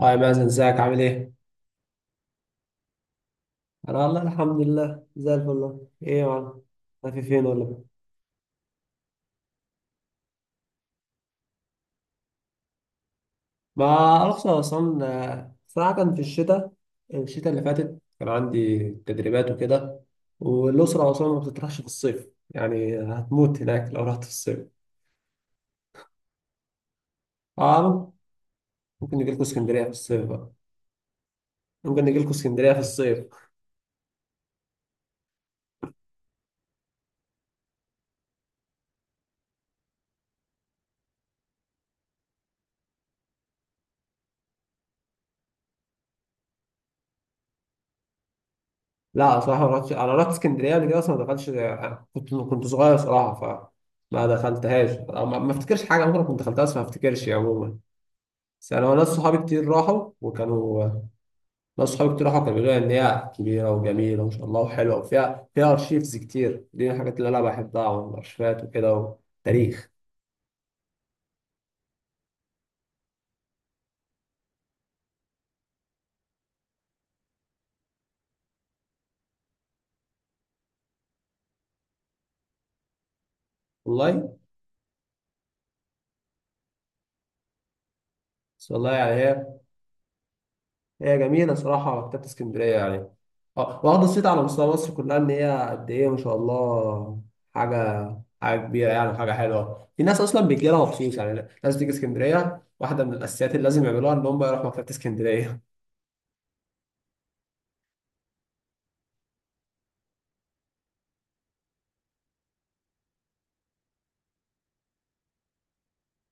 هاي مازن، ازيك عامل ايه؟ انا والله الحمد لله زي الفل والله. ايه يا معلم؟ ماشي، فين ولا إيه؟ ما اعرفش انا اصلا. صراحة كان في الشتاء اللي فاتت كان عندي تدريبات وكده، والأسرة أصلا ما بتطرحش في الصيف، يعني هتموت هناك لو رحت في الصيف. اه، ممكن نجي لكم اسكندرية في الصيف بقى. ممكن نجي لكم اسكندرية في الصيف. لا صراحة ما رحتش، أنا رحت اسكندرية قبل كده أصلا ما دخلتش. كنت صغير صراحة، ف ما دخلتهاش أو ما افتكرش حاجه، عمري كنت دخلتها بس ما افتكرش عموما. بس انا ناس صحابي كتير راحوا وكانوا. ناس صحابي كتير راحوا كانوا بيقولوا لي ان هي كبيره وجميله وما شاء الله وحلوه، وفيها ارشيفز كتير، دي من الحاجات اللي انا بحبها، والارشيفات وكده، وتاريخ. والله. بس والله يعني هي، جميله صراحه مكتبه اسكندريه يعني. اه، واخده صيت على مستوى مصر كلها، ان هي قد ايه ما شاء الله. حاجه، حاجه كبيره يعني، حاجه حلوه، في ناس اصلا بتجي لها مخصوص، يعني ناس بتيجي اسكندريه واحده من الاساسيات اللي لازم يعملوها ان هم يروحوا مكتبه اسكندريه.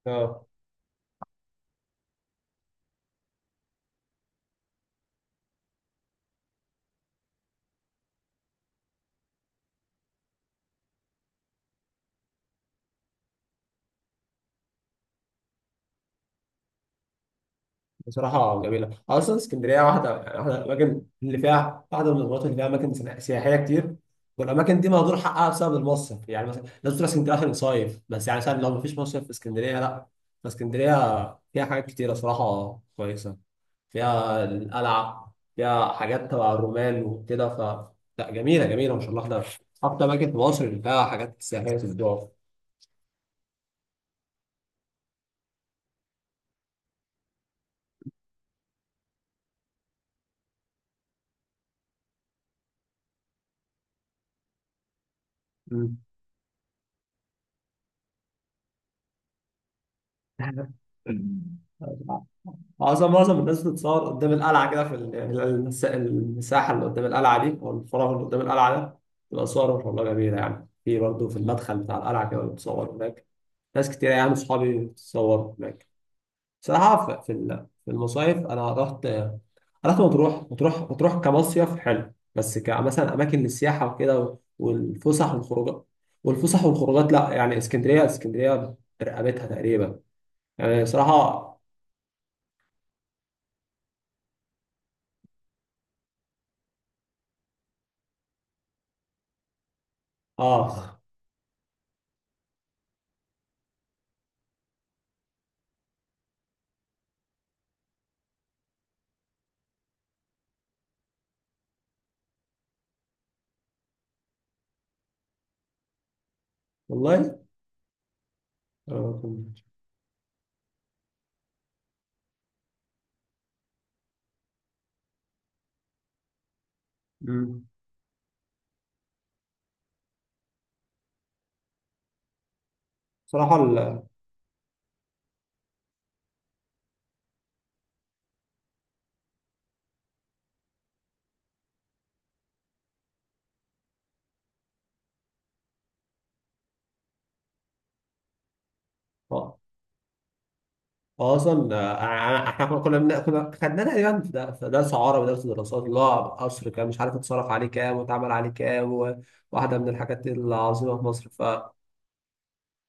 اه. بصراحة جميلة أصلا اسكندرية، واحدة يعني، واحدة من الأماكن اللي فيها، واحدة من المناطق اللي فيها أماكن سياحية كتير. والأماكن دي مهدور حقها بسبب المصيف، يعني مثلا الناس بتروح اسكندرية عشان تصيف بس، يعني مثلا لو مفيش مصيف في اسكندرية لأ. فاسكندرية فيها حاجات كتيرة صراحة كويسة. فيها القلعة، فيها حاجات تبع الرومان وكده ف لأ جميلة جميلة ما شاء الله ده أكتر أماكن في مصر اللي فيها حاجات سياحية في الدول. معظم الناس بتتصور قدام القلعة كده، يعني المساحة اللي قدام القلعة دي، أو الفراغ اللي قدام القلعة ده، تبقى صور والله جميلة. يعني في برضه، في المدخل بتاع القلعة كده بتصور هناك. ناس كتير يعني أصحابي بتصور هناك. بصراحة في في المصايف أنا رحت. رحت مطروح، مطروح كمصيف حلو بس، كمثلا أماكن للسياحة وكده والفسح والخروجات، لا يعني اسكندرية برقبتها تقريبا يعني صراحة. آه، والله. آه، فهمت. مم. بصراحة ال آه، أصلا إحنا كنا خدناه تقريبا في في درس عربي ودرس دراسات، اللي هو قصر كان مش عارف اتصرف عليه كام واتعمل عليه كام، وواحدة من الحاجات العظيمة في مصر.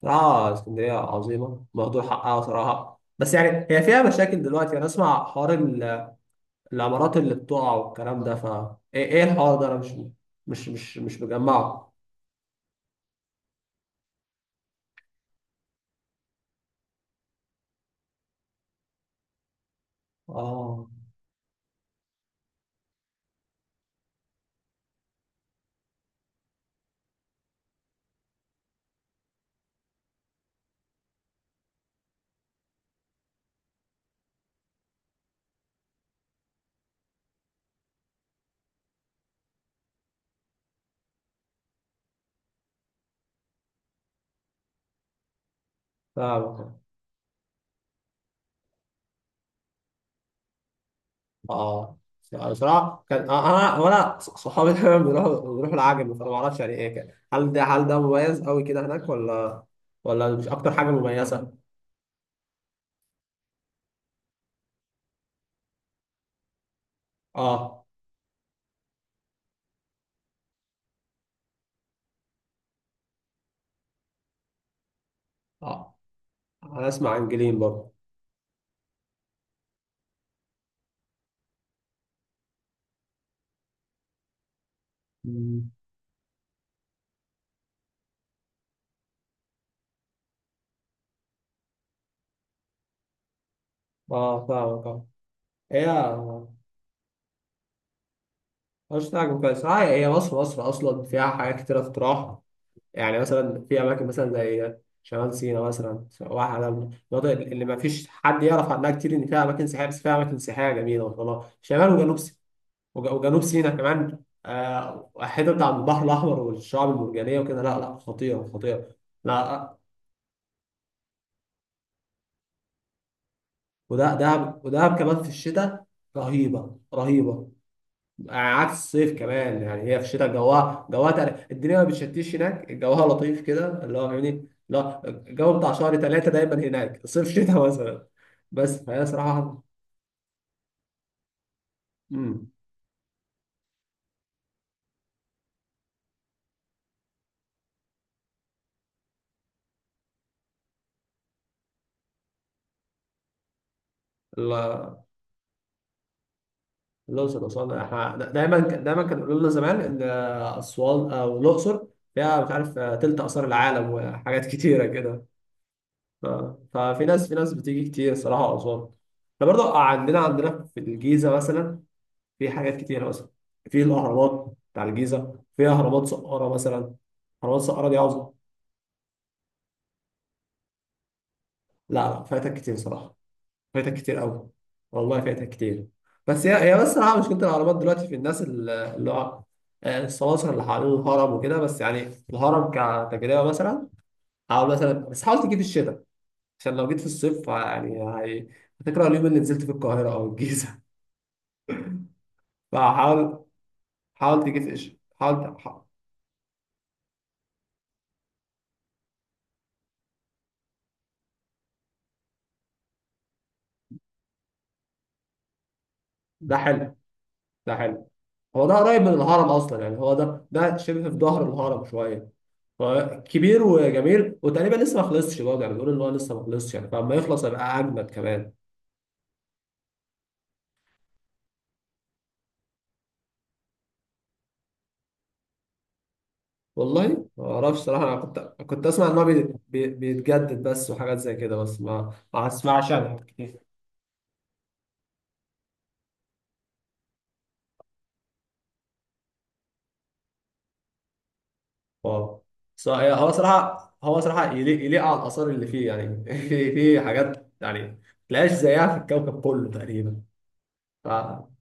فبصراحة اسكندرية عظيمة مهدور حقها صراحة، بس يعني هي فيها مشاكل دلوقتي. أنا أسمع حوار العمارات اللي بتقع والكلام ده، فا إيه، إيه الحوار ده؟ أنا مش مش مجمعه. آه فاهم. اه بصراحه كان، انا وانا صحابي دايما بيروحوا العجمي، فانا ما اعرفش يعني ايه كان، هل ده مميز قوي كده هناك، ولا مش اكتر حاجه مميزه؟ اه. اه انا اسمع عن جليم برضه. مم. اه فاهمك اه. هي مش تعجب كويس، اه هي مصر اصلا فيها حاجات كتيره تتراح. يعني مثلا في اماكن مثلا زي شمال سيناء مثلا، واحدة من المناطق اللي ما فيش حد يعرف عنها كتير، ان فيها اماكن سياحيه، بس فيها اماكن سياحيه جميله والله. شمال وجنوب، وجنوب سيناء كمان. الحتة بتاع البحر الأحمر والشعاب المرجانية وكده، لا لا خطيرة خطيرة. لا. وده دهب، ودهب كمان في الشتاء رهيبة رهيبة. يعني عكس الصيف كمان، يعني هي في الشتاء جواها، الدنيا ما بتشتيش هناك، جواها لطيف كده اللي هو فاهمني، لا الجو بتاع شهر ثلاثة دايما هناك صيف شتاء مثلا، بس فهي صراحة. مم. الأقصر وأسوان، احنا دايما دايما كانوا يقولوا لنا زمان إن أسوان أو الأقصر فيها مش عارف، تلت آثار العالم وحاجات كتيرة كده. ف- ففي ناس، في ناس بتيجي كتير صراحة أسوان. احنا برضو عندنا، في الجيزة مثلا في حاجات كتيرة مثلا، في الأهرامات بتاع الجيزة، في أهرامات سقارة مثلا. أهرامات سقارة دي عظمة. لا لا فايتك كتير صراحة، فايتك كتير قوي. والله فايتك كتير. بس هي، بس صراحة مشكلة العربات دلوقتي، في الناس اللي هو، السماسرة اللي حوالين الهرم وكده، بس يعني الهرم كتجربة مثلا، حاول مثلا، بس حاول تجي في الشتاء، عشان لو جيت في الصيف يعني، هتكره اليوم اللي نزلت في القاهرة أو الجيزة. فحاول، حاول تجي في الش- ده حلو. ده حلو. هو ده قريب من الهرم أصلا يعني، هو ده شبه في ظهر الهرم شوية، فكبير وجميل، وتقريبا لسه ما خلصش برضه، يعني بيقولوا ان هو لسه ما خلصش، يعني فلما يخلص هيبقى اجمد كمان. والله ما اعرفش صراحه، انا كنت، اسمع ان هو، بيتجدد بس وحاجات زي كده، بس ما اسمعش عن حاجات كتير. اه، هو صراحه، يليق، على الاثار اللي فيه يعني. في حاجات يعني ما تلاقيش زيها في الكوكب كله تقريبا. ف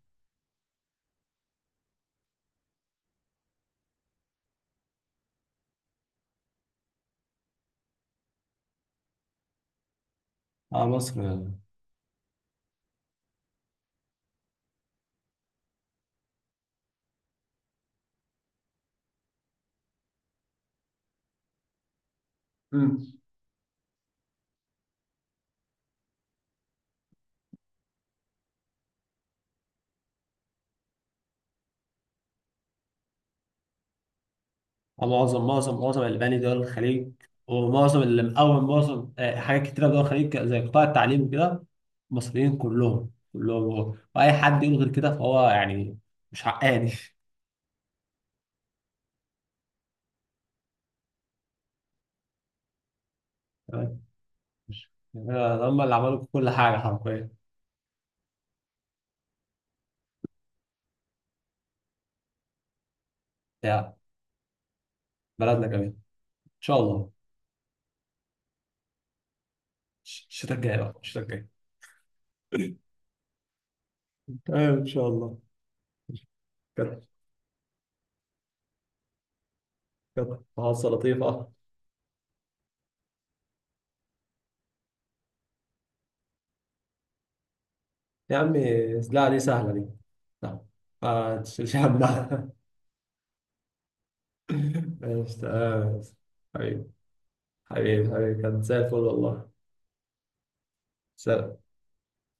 مصر. مم. معظم الألباني دول الخليج، ومعظم اللي مقوم، معظم حاجات كتيرة في دول الخليج زي قطاع التعليم وكده، مصريين كلهم كلهم هو. وأي حد يقول غير كده فهو يعني مش حقاني. تمام؟ يعني هم اللي عملوا كل حاجة حرفيا. بتاع بلدنا كمان إن شاء الله. الشتاء الجاي بقى، الشتاء الجاي تمام إن شاء الله. كده، كده محادثة لطيفة. يا عمي لا دي سهلة دي، لا ما تشيلش همها. ماشي تمام. حبيبي، حبيبي حبيبي كان زي الفل والله. سلام.